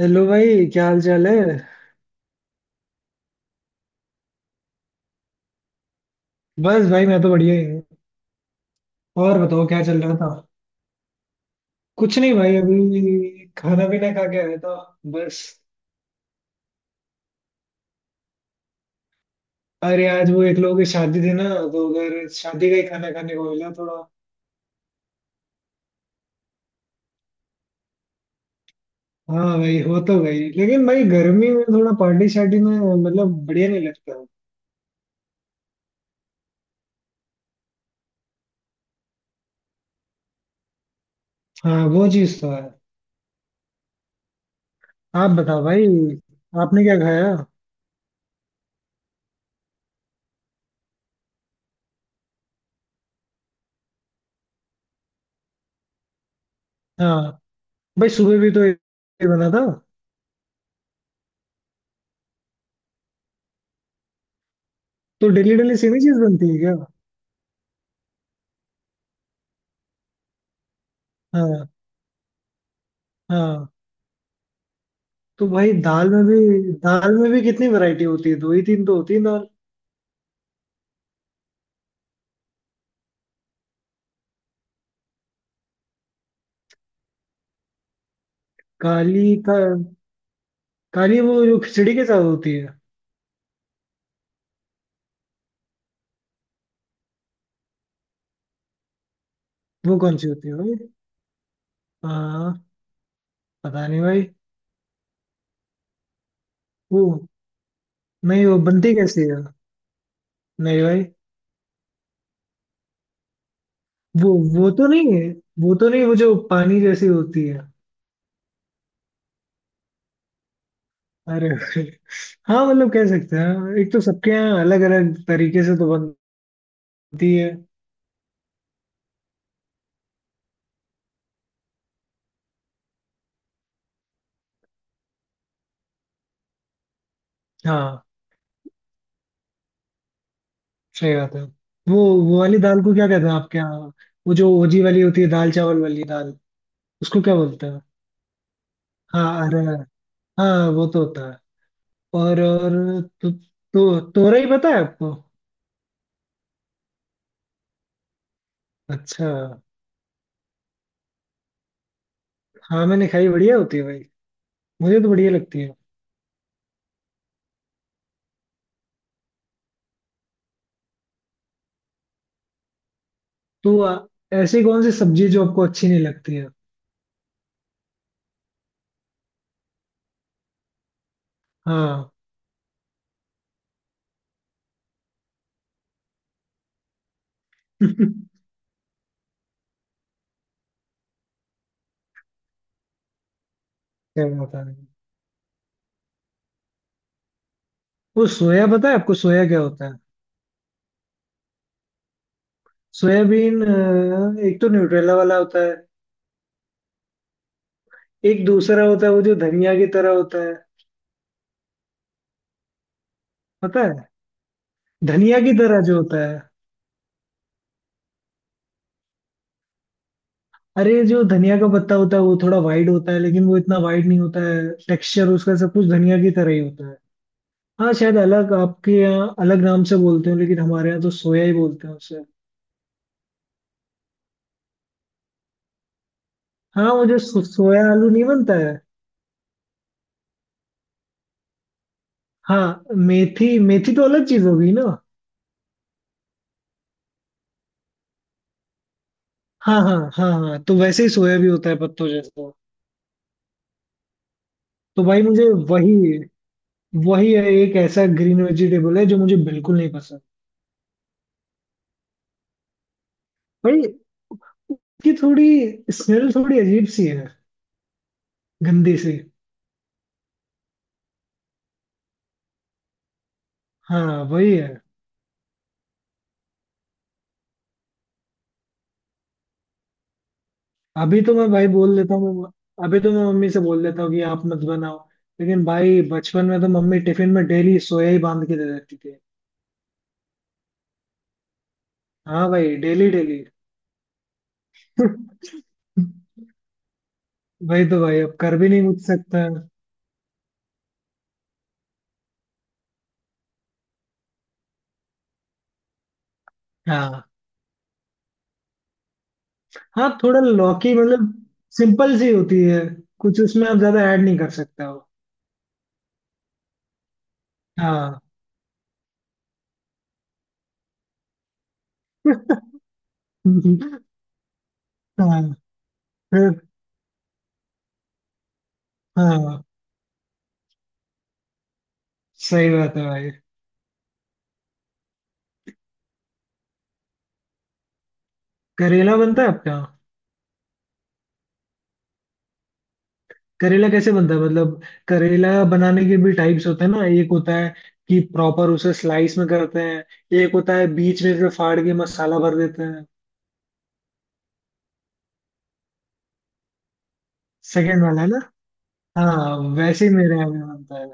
Hello भाई, क्या हाल चाल है? बस भाई, मैं तो बढ़िया ही हूँ। और बताओ क्या चल रहा था? कुछ नहीं भाई, अभी खाना पीना खा के आया था बस। अरे आज वो एक लोगों की शादी थी ना। तो उधर शादी का ही खाना खाने को मिला थोड़ा। हाँ भाई, हो तो गई, लेकिन भाई गर्मी में थोड़ा पार्टी शार्टी में, मतलब बढ़िया नहीं लगता। हाँ, वो चीज तो है। आप बताओ भाई, आपने क्या खाया? हाँ भाई, सुबह भी तो एक बना था। तो डेली डेली सेम ही चीज बनती है क्या? हाँ, हाँ। तो भाई, दाल में भी कितनी वैरायटी होती है, दो ही तीन तो होती है दाल। काली का। काली वो जो खिचड़ी के साथ होती है? वो कौन सी होती है भाई? हाँ। पता नहीं भाई। वो, नहीं, वो बनती कैसी है? नहीं भाई। वो वो तो नहीं है। वो तो नहीं, वो जो पानी जैसी होती है। अरे भाई। हाँ मतलब कह सकते हैं, एक तो सबके यहाँ अलग अलग तरीके से तो बनती है। हाँ, सही बात है। वो वो वाली दाल को क्या कहते हैं आपके यहाँ? वो जो ओजी वाली होती है, दाल चावल वाली दाल। उसको क्या बोलते हैं? हाँ, अरे। हाँ, वो तो होता है। और। तो तोरई पता है आपको? अच्छा। हाँ मैंने खाई, बढ़िया होती है भाई। मुझे तो बढ़िया लगती है। तो ऐसी कौन सी सब्जी जो आपको अच्छी नहीं लगती है? हाँ। क्या? बता रहे हैं? वो सोया पता है आपको? सोया क्या होता है? सोयाबीन। एक तो न्यूट्रेला वाला होता है। एक दूसरा होता है, वो जो धनिया की तरह होता है। पता है? धनिया की तरह जो होता है। अरे जो धनिया का पत्ता होता है वो थोड़ा वाइड होता है, लेकिन वो इतना वाइड नहीं होता है। टेक्सचर उसका सब कुछ धनिया की तरह ही होता है। हाँ शायद अलग, आपके यहाँ अलग नाम से बोलते हो, लेकिन हमारे यहाँ तो सोया ही बोलते हैं उसे। हाँ, वो जो सोया आलू नहीं बनता है? हाँ मेथी, मेथी तो अलग चीज होगी ना। हाँ, हाँ, हाँ, हाँ, तो वैसे ही सोया भी होता है पत्तों जैसा। तो भाई, मुझे वही, वही है, एक ऐसा ग्रीन वेजिटेबल है जो मुझे बिल्कुल नहीं पसंद। भाई, उसकी थोड़ी स्मेल थोड़ी अजीब सी है, गंदी सी। हाँ वही है। अभी तो मैं भाई बोल देता हूँ। अभी तो मैं मम्मी से बोल देता हूँ कि आप मत बनाओ। लेकिन भाई बचपन में तो मम्मी टिफिन में डेली सोया ही बांध के दे देती थी। हाँ भाई, डेली डेली। भाई, तो भाई अब कर भी नहीं कुछ सकता है। हाँ, हाँ, थोड़ा लौकी मतलब सिंपल सी होती है। कुछ उसमें आप ज्यादा ऐड नहीं कर सकते हो। हाँ। हाँ, फिर। हाँ, सही बात है भाई। करेला बनता है आपका? करेला कैसे बनता है मतलब? करेला बनाने के भी टाइप्स होते हैं ना, एक होता है कि प्रॉपर उसे स्लाइस में करते हैं। एक होता है बीच में से फाड़ के मसाला भर देते हैं। सेकंड वाला है ना? हाँ, वैसे ही मेरे यहाँ भी बनता है।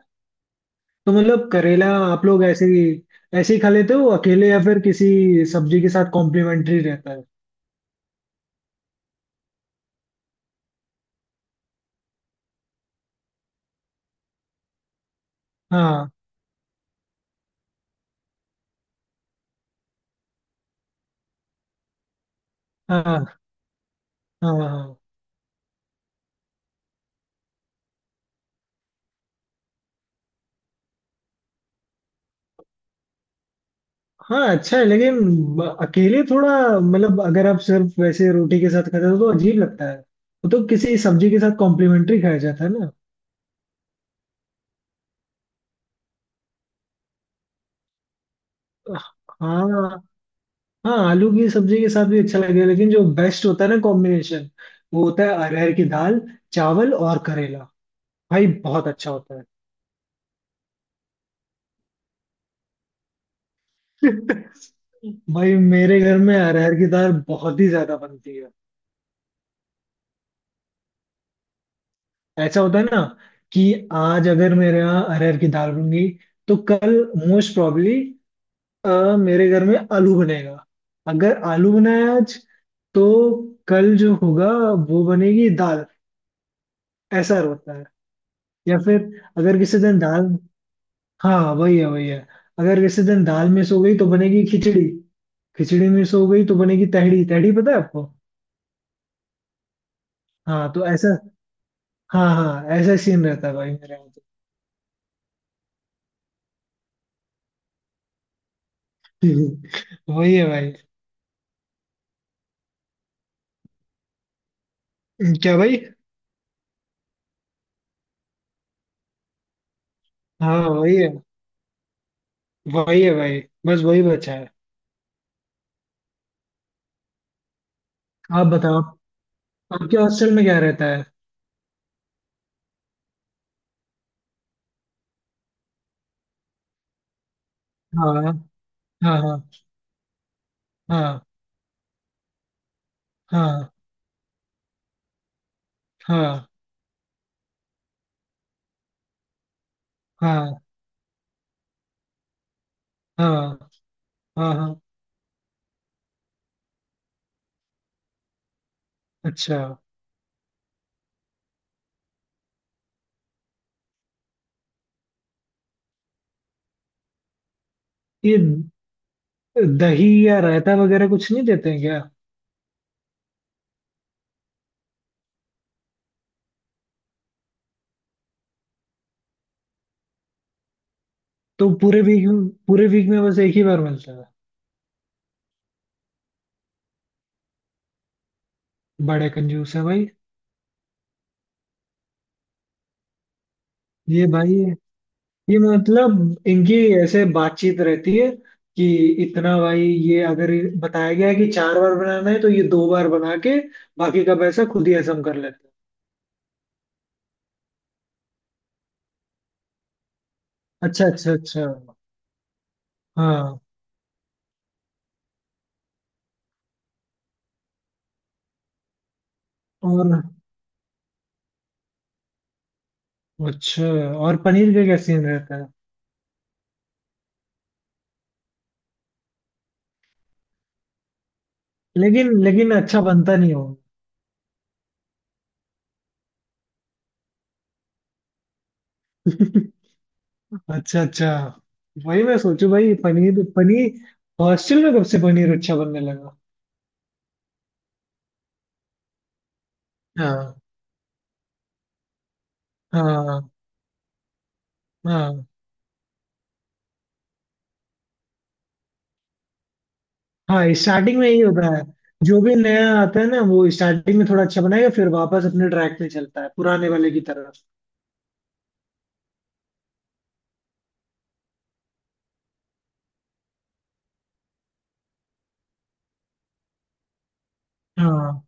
तो मतलब करेला आप लोग ऐसे ही खा लेते हो अकेले, या फिर किसी सब्जी के साथ कॉम्प्लीमेंट्री रहता है? हाँ, हाँ, हाँ, हाँ, हाँ, हाँ। अच्छा है, लेकिन अकेले थोड़ा, मतलब अगर आप सिर्फ वैसे रोटी के साथ खाते हो तो अजीब लगता है। वो तो किसी सब्जी के साथ कॉम्प्लीमेंट्री खाया जाता है ना। हाँ, हाँ, आलू की सब्जी के साथ भी अच्छा लगेगा, लेकिन जो बेस्ट होता है ना कॉम्बिनेशन, वो होता है अरहर की दाल, चावल और करेला। भाई बहुत अच्छा होता है। भाई, मेरे घर में अरहर की दाल बहुत ही ज्यादा बनती है। ऐसा होता है ना कि आज अगर मेरे यहाँ अरहर की दाल बन गई, तो कल मोस्ट प्रॉबली मेरे घर में आलू बनेगा। अगर आलू बनाया आज, तो कल जो होगा वो बनेगी दाल। ऐसा होता है। या फिर अगर किसी दिन दाल, हाँ वही है, वही है। अगर किसी दिन दाल मिस हो गई तो बनेगी खिचड़ी। खिचड़ी मिस हो गई तो बनेगी तहड़ी। तहड़ी पता है आपको? हाँ, तो ऐसा। हाँ, हाँ, ऐसा सीन रहता है भाई मेरे यहाँ। तो वही है भाई। क्या भाई? हाँ वही है, वही है भाई, बस वही बचा है। आप बताओ, आपके हॉस्टल में क्या रहता है? हाँ, हाँ, हाँ, हाँ, हाँ, हाँ, हाँ, हाँ, हाँ, हाँ। अच्छा, ये दही या रायता वगैरह कुछ नहीं देते हैं क्या? तो पूरे वीक में बस एक ही बार मिलता है? बड़े कंजूस है भाई। ये भाई, ये मतलब इनकी ऐसे बातचीत रहती है कि इतना भाई, ये अगर बताया गया है कि चार बार बनाना है तो ये दो बार बना के बाकी का पैसा खुद ही हजम कर लेते हैं? अच्छा, अच्छा, अच्छा। हाँ। और। अच्छा, और पनीर का क्या सीन रहता है? लेकिन लेकिन अच्छा बनता नहीं हो? अच्छा, अच्छा। वही मैं सोचू भाई, पनीर पनीर हॉस्टल में कब से पनीर अच्छा बनने लगा? हाँ, हाँ, हाँ, हाँ, स्टार्टिंग में यही होता है। जो भी नया आता है ना वो स्टार्टिंग में थोड़ा अच्छा बनाएगा, फिर वापस अपने ट्रैक पे चलता है पुराने वाले की तरफ। हाँ,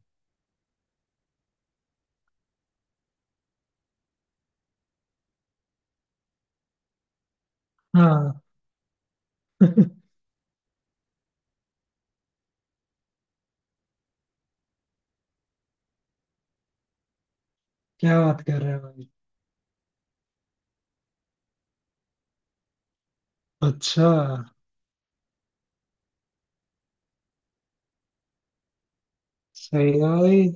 हाँ। क्या बात कर रहे हैं भाई? अच्छा, सही है भाई।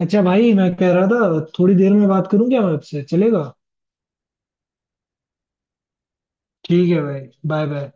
अच्छा भाई, मैं कह रहा था, थोड़ी देर में बात करूं क्या मैं आपसे, चलेगा? ठीक है भाई। Bye bye.